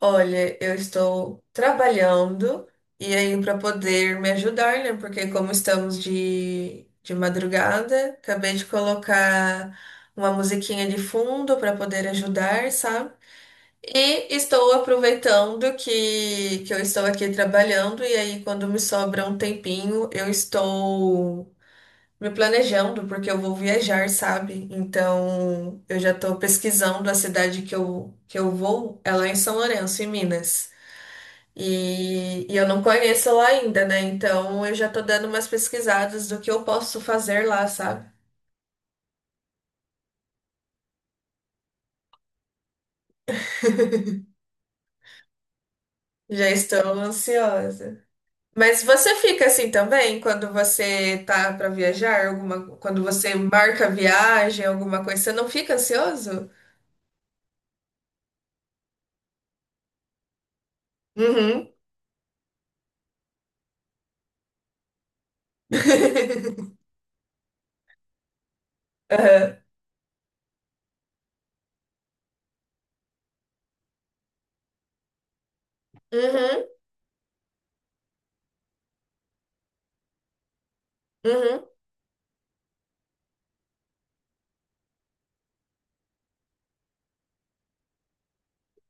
Olha, eu estou trabalhando e aí para poder me ajudar, né? Porque como estamos de madrugada, acabei de colocar uma musiquinha de fundo para poder ajudar, sabe? E estou aproveitando que eu estou aqui trabalhando e aí quando me sobra um tempinho, eu estou me planejando porque eu vou viajar, sabe? Então, eu já estou pesquisando a cidade que eu vou, é lá em São Lourenço, em Minas. E eu não conheço lá ainda, né? Então eu já tô dando umas pesquisadas do que eu posso fazer lá, sabe? Já estou ansiosa. Mas você fica assim também quando você tá para viajar, alguma, quando você marca viagem, alguma coisa, você não fica ansioso? Uhum. Aham. Uhum. Uhum.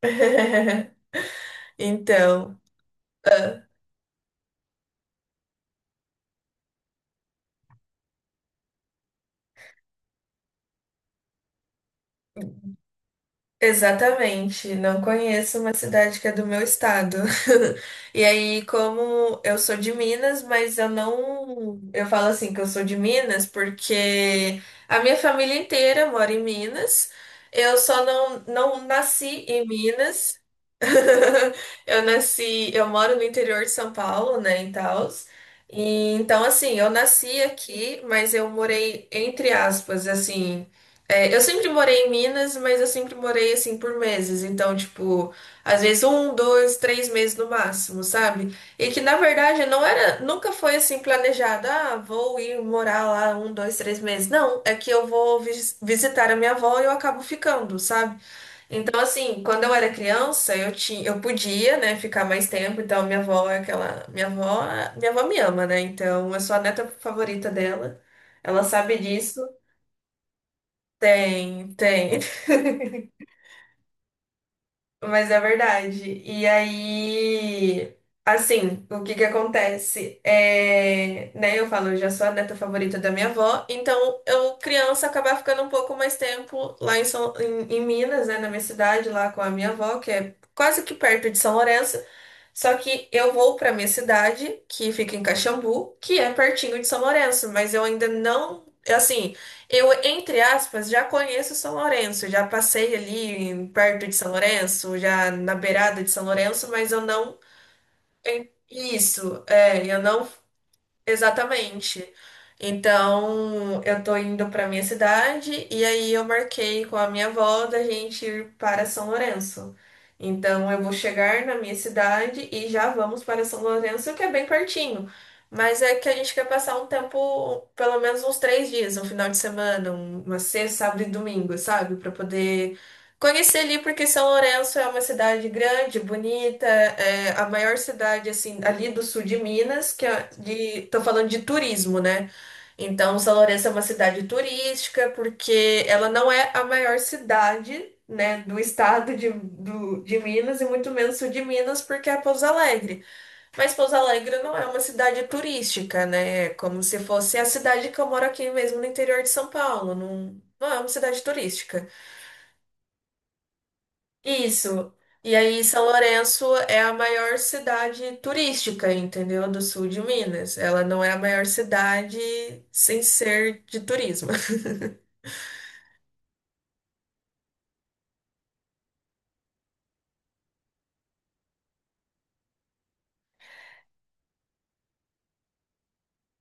Então. Exatamente, não conheço uma cidade que é do meu estado. E aí, como eu sou de Minas, mas eu não. Eu falo assim que eu sou de Minas porque a minha família inteira mora em Minas. Eu só não, não nasci em Minas. Eu nasci. Eu moro no interior de São Paulo, né, em Taos. E, então, assim, eu nasci aqui, mas eu morei, entre aspas, assim. É, eu sempre morei em Minas, mas eu sempre morei assim por meses. Então, tipo, às vezes um, dois, três meses no máximo, sabe? E que na verdade não era, nunca foi assim planejado. Ah, vou ir morar lá um, dois, três meses. Não, é que eu vou visitar a minha avó e eu acabo ficando, sabe? Então, assim, quando eu era criança, eu tinha, eu podia, né, ficar mais tempo. Então, minha avó é aquela, minha avó me ama, né? Então, eu sou a neta favorita dela. Ela sabe disso. Tem, tem. Mas é verdade. E aí, assim, o que que acontece? É, né, eu falo, eu já sou a neta favorita da minha avó, então eu, criança, acabava ficando um pouco mais tempo lá em Minas, né, na minha cidade, lá com a minha avó, que é quase que perto de São Lourenço. Só que eu vou para minha cidade, que fica em Caxambu, que é pertinho de São Lourenço, mas eu ainda não, assim, eu entre aspas já conheço São Lourenço, já passei ali perto de São Lourenço, já na beirada de São Lourenço, mas eu não isso, é, eu não. Exatamente. Então, eu tô indo pra minha cidade e aí eu marquei com a minha avó da gente ir para São Lourenço. Então, eu vou chegar na minha cidade e já vamos para São Lourenço, que é bem pertinho. Mas é que a gente quer passar um tempo, pelo menos uns 3 dias, um final de semana, uma sexta, sábado e domingo, sabe? Pra poder conheci ali porque São Lourenço é uma cidade grande, bonita, é a maior cidade assim ali do sul de Minas, que é de, tô falando de turismo, né? Então São Lourenço é uma cidade turística porque ela não é a maior cidade, né, do estado de Minas e muito menos sul de Minas porque é Pouso Alegre. Mas Pouso Alegre não é uma cidade turística, né? É como se fosse a cidade que eu moro aqui mesmo no interior de São Paulo, não, não é uma cidade turística. Isso. E aí, São Lourenço é a maior cidade turística, entendeu? Do sul de Minas. Ela não é a maior cidade sem ser de turismo.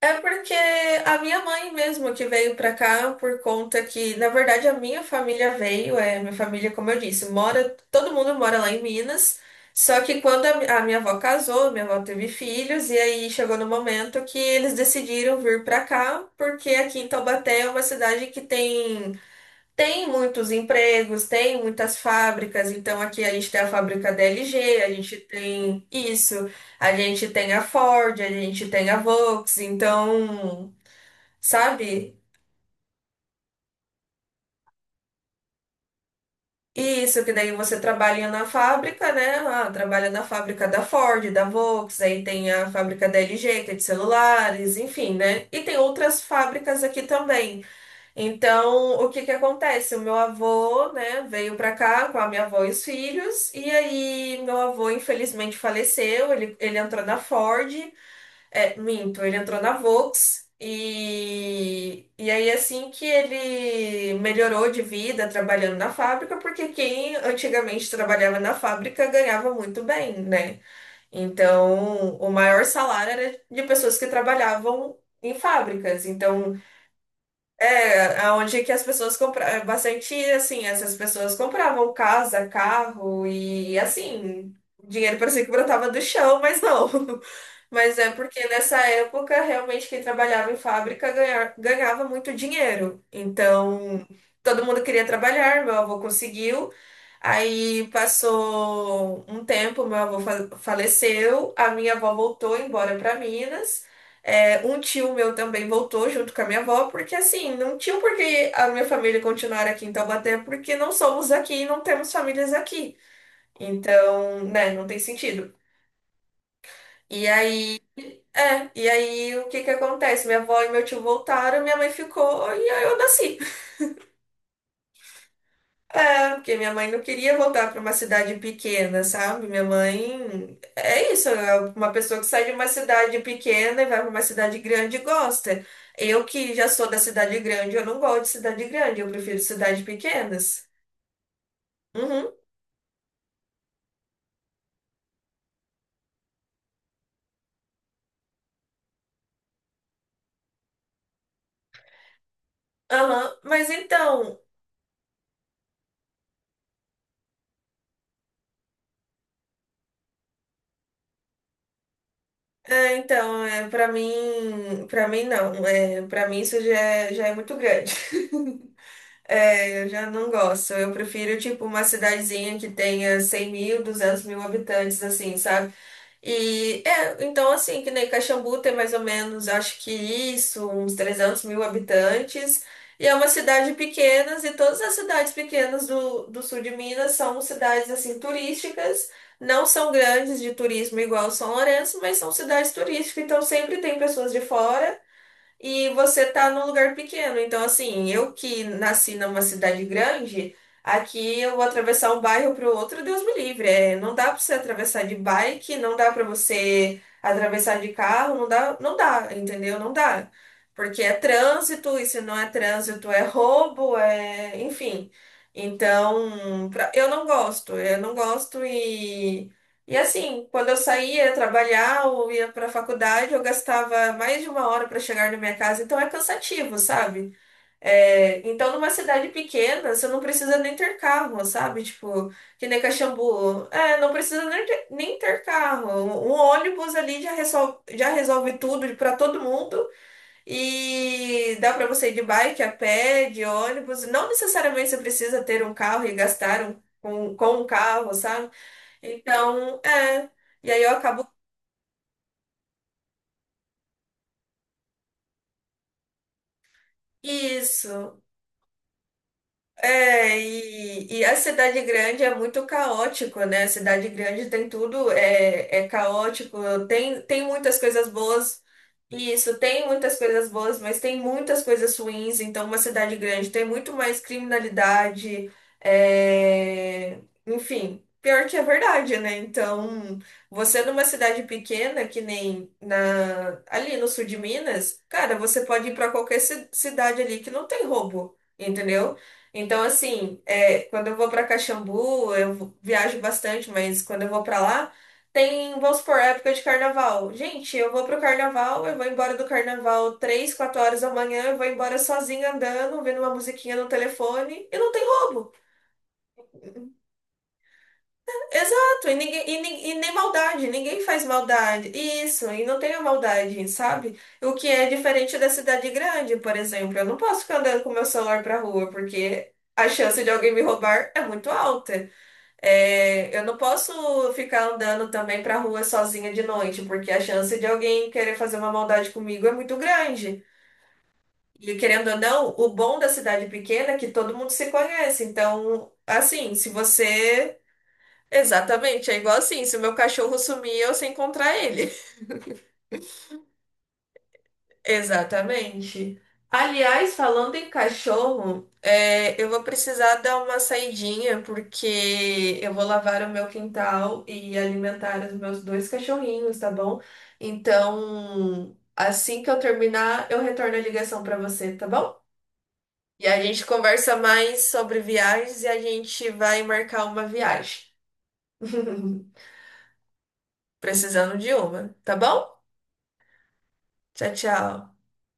É porque a minha mãe mesmo que veio pra cá por conta que, na verdade, a minha família veio, é, minha família, como eu disse, mora, todo mundo mora lá em Minas. Só que quando a minha avó casou, minha avó teve filhos, e aí chegou no momento que eles decidiram vir pra cá, porque aqui em Taubaté é uma cidade que tem muitos empregos, tem muitas fábricas, então aqui a gente tem a fábrica da LG, a gente tem isso, a gente tem a Ford, a gente tem a Volks, então, sabe? Isso, que daí você trabalha na fábrica, né? Ah, trabalha na fábrica da Ford, da Volks, aí tem a fábrica da LG, que é de celulares, enfim, né? E tem outras fábricas aqui também. Então, o que que acontece? O meu avô, né, veio pra cá com a minha avó e os filhos, e aí meu avô infelizmente faleceu, ele entrou na Ford, é, minto, ele entrou na Volks, e aí assim que ele melhorou de vida trabalhando na fábrica, porque quem antigamente trabalhava na fábrica ganhava muito bem, né? Então, o maior salário era de pessoas que trabalhavam em fábricas, então... É, aonde é que as pessoas compravam bastante, assim, essas pessoas compravam casa, carro e assim, o dinheiro parecia que brotava do chão, mas não. Mas é porque nessa época realmente quem trabalhava em fábrica ganhava muito dinheiro. Então, todo mundo queria trabalhar, meu avô conseguiu. Aí passou um tempo, meu avô faleceu, a minha avó voltou embora para Minas. É, um tio meu também voltou junto com a minha avó, porque assim, não tinha por que a minha família continuar aqui em Taubaté, porque não somos daqui e não temos famílias aqui. Então, né, não tem sentido. E aí, e aí, o que que acontece? Minha avó e meu tio voltaram, minha mãe ficou e aí eu nasci. É, porque minha mãe não queria voltar para uma cidade pequena, sabe? Minha mãe é isso, é uma pessoa que sai de uma cidade pequena e vai para uma cidade grande e gosta. Eu que já sou da cidade grande, eu não gosto de cidade grande, eu prefiro cidades pequenas. Uhum, aham. Mas então, é, para mim não, é, para mim isso já é, muito grande. É, eu já não gosto. Eu prefiro, tipo, uma cidadezinha que tenha 100 mil, 200 mil habitantes, assim, sabe? E é, então assim, que nem Caxambu tem mais ou menos, acho que isso, uns 300 mil habitantes. E é uma cidade pequena, e todas as cidades pequenas do sul de Minas são cidades assim turísticas, não são grandes de turismo igual São Lourenço, mas são cidades turísticas, então sempre tem pessoas de fora e você tá num lugar pequeno. Então, assim, eu que nasci numa cidade grande, aqui eu vou atravessar um bairro pro outro, Deus me livre. É, não dá pra você atravessar de bike, não dá pra você atravessar de carro, não dá, não dá, entendeu? Não dá. Porque é trânsito, e se não é trânsito, é roubo, é, enfim. Então, eu não gosto e assim, quando eu saía trabalhar ou ia para a faculdade, eu gastava mais de 1 hora para chegar na minha casa, então é cansativo, sabe? É, então, numa cidade pequena, você não precisa nem ter carro, sabe? Tipo, que nem Caxambu. É, não precisa nem ter, nem ter carro. Um ônibus ali já resolve tudo para todo mundo e dá para você ir de bike, a pé, de ônibus. Não necessariamente você precisa ter um carro e gastar com um carro, sabe? Então, é. E aí eu acabo. Isso. É, e a cidade grande é muito caótico, né? A cidade grande tem tudo, é caótico, tem muitas coisas boas, e isso, tem muitas coisas boas, mas tem muitas coisas ruins, então uma cidade grande tem muito mais criminalidade, é, enfim, pior que é verdade, né? Então, você numa cidade pequena, que nem na, ali no sul de Minas, cara, você pode ir para qualquer cidade ali que não tem roubo, entendeu? Então, assim, é, quando eu vou para Caxambu, eu viajo bastante, mas quando eu vou para lá, tem, vamos supor, época de carnaval. Gente, eu vou pro carnaval, eu vou embora do carnaval 3, 4 horas da manhã, eu vou embora sozinha andando, ouvindo uma musiquinha no telefone, e não tem roubo. Exato, e, ninguém, e, e nem maldade, ninguém faz maldade. Isso, e não tem a maldade, sabe? O que é diferente da cidade grande, por exemplo. Eu não posso ficar andando com meu celular pra rua, porque a chance de alguém me roubar é muito alta. É, eu não posso ficar andando também pra rua sozinha de noite, porque a chance de alguém querer fazer uma maldade comigo é muito grande. E querendo ou não, o bom da cidade pequena é que todo mundo se conhece. Então, assim, se você. Exatamente, é igual assim: se o meu cachorro sumir, eu sei encontrar ele. Exatamente. Aliás, falando em cachorro, é, eu vou precisar dar uma saidinha porque eu vou lavar o meu quintal e alimentar os meus dois cachorrinhos, tá bom? Então, assim que eu terminar, eu retorno a ligação para você, tá bom? E a gente conversa mais sobre viagens e a gente vai marcar uma viagem. Precisando de uma, tá bom? Tchau, tchau.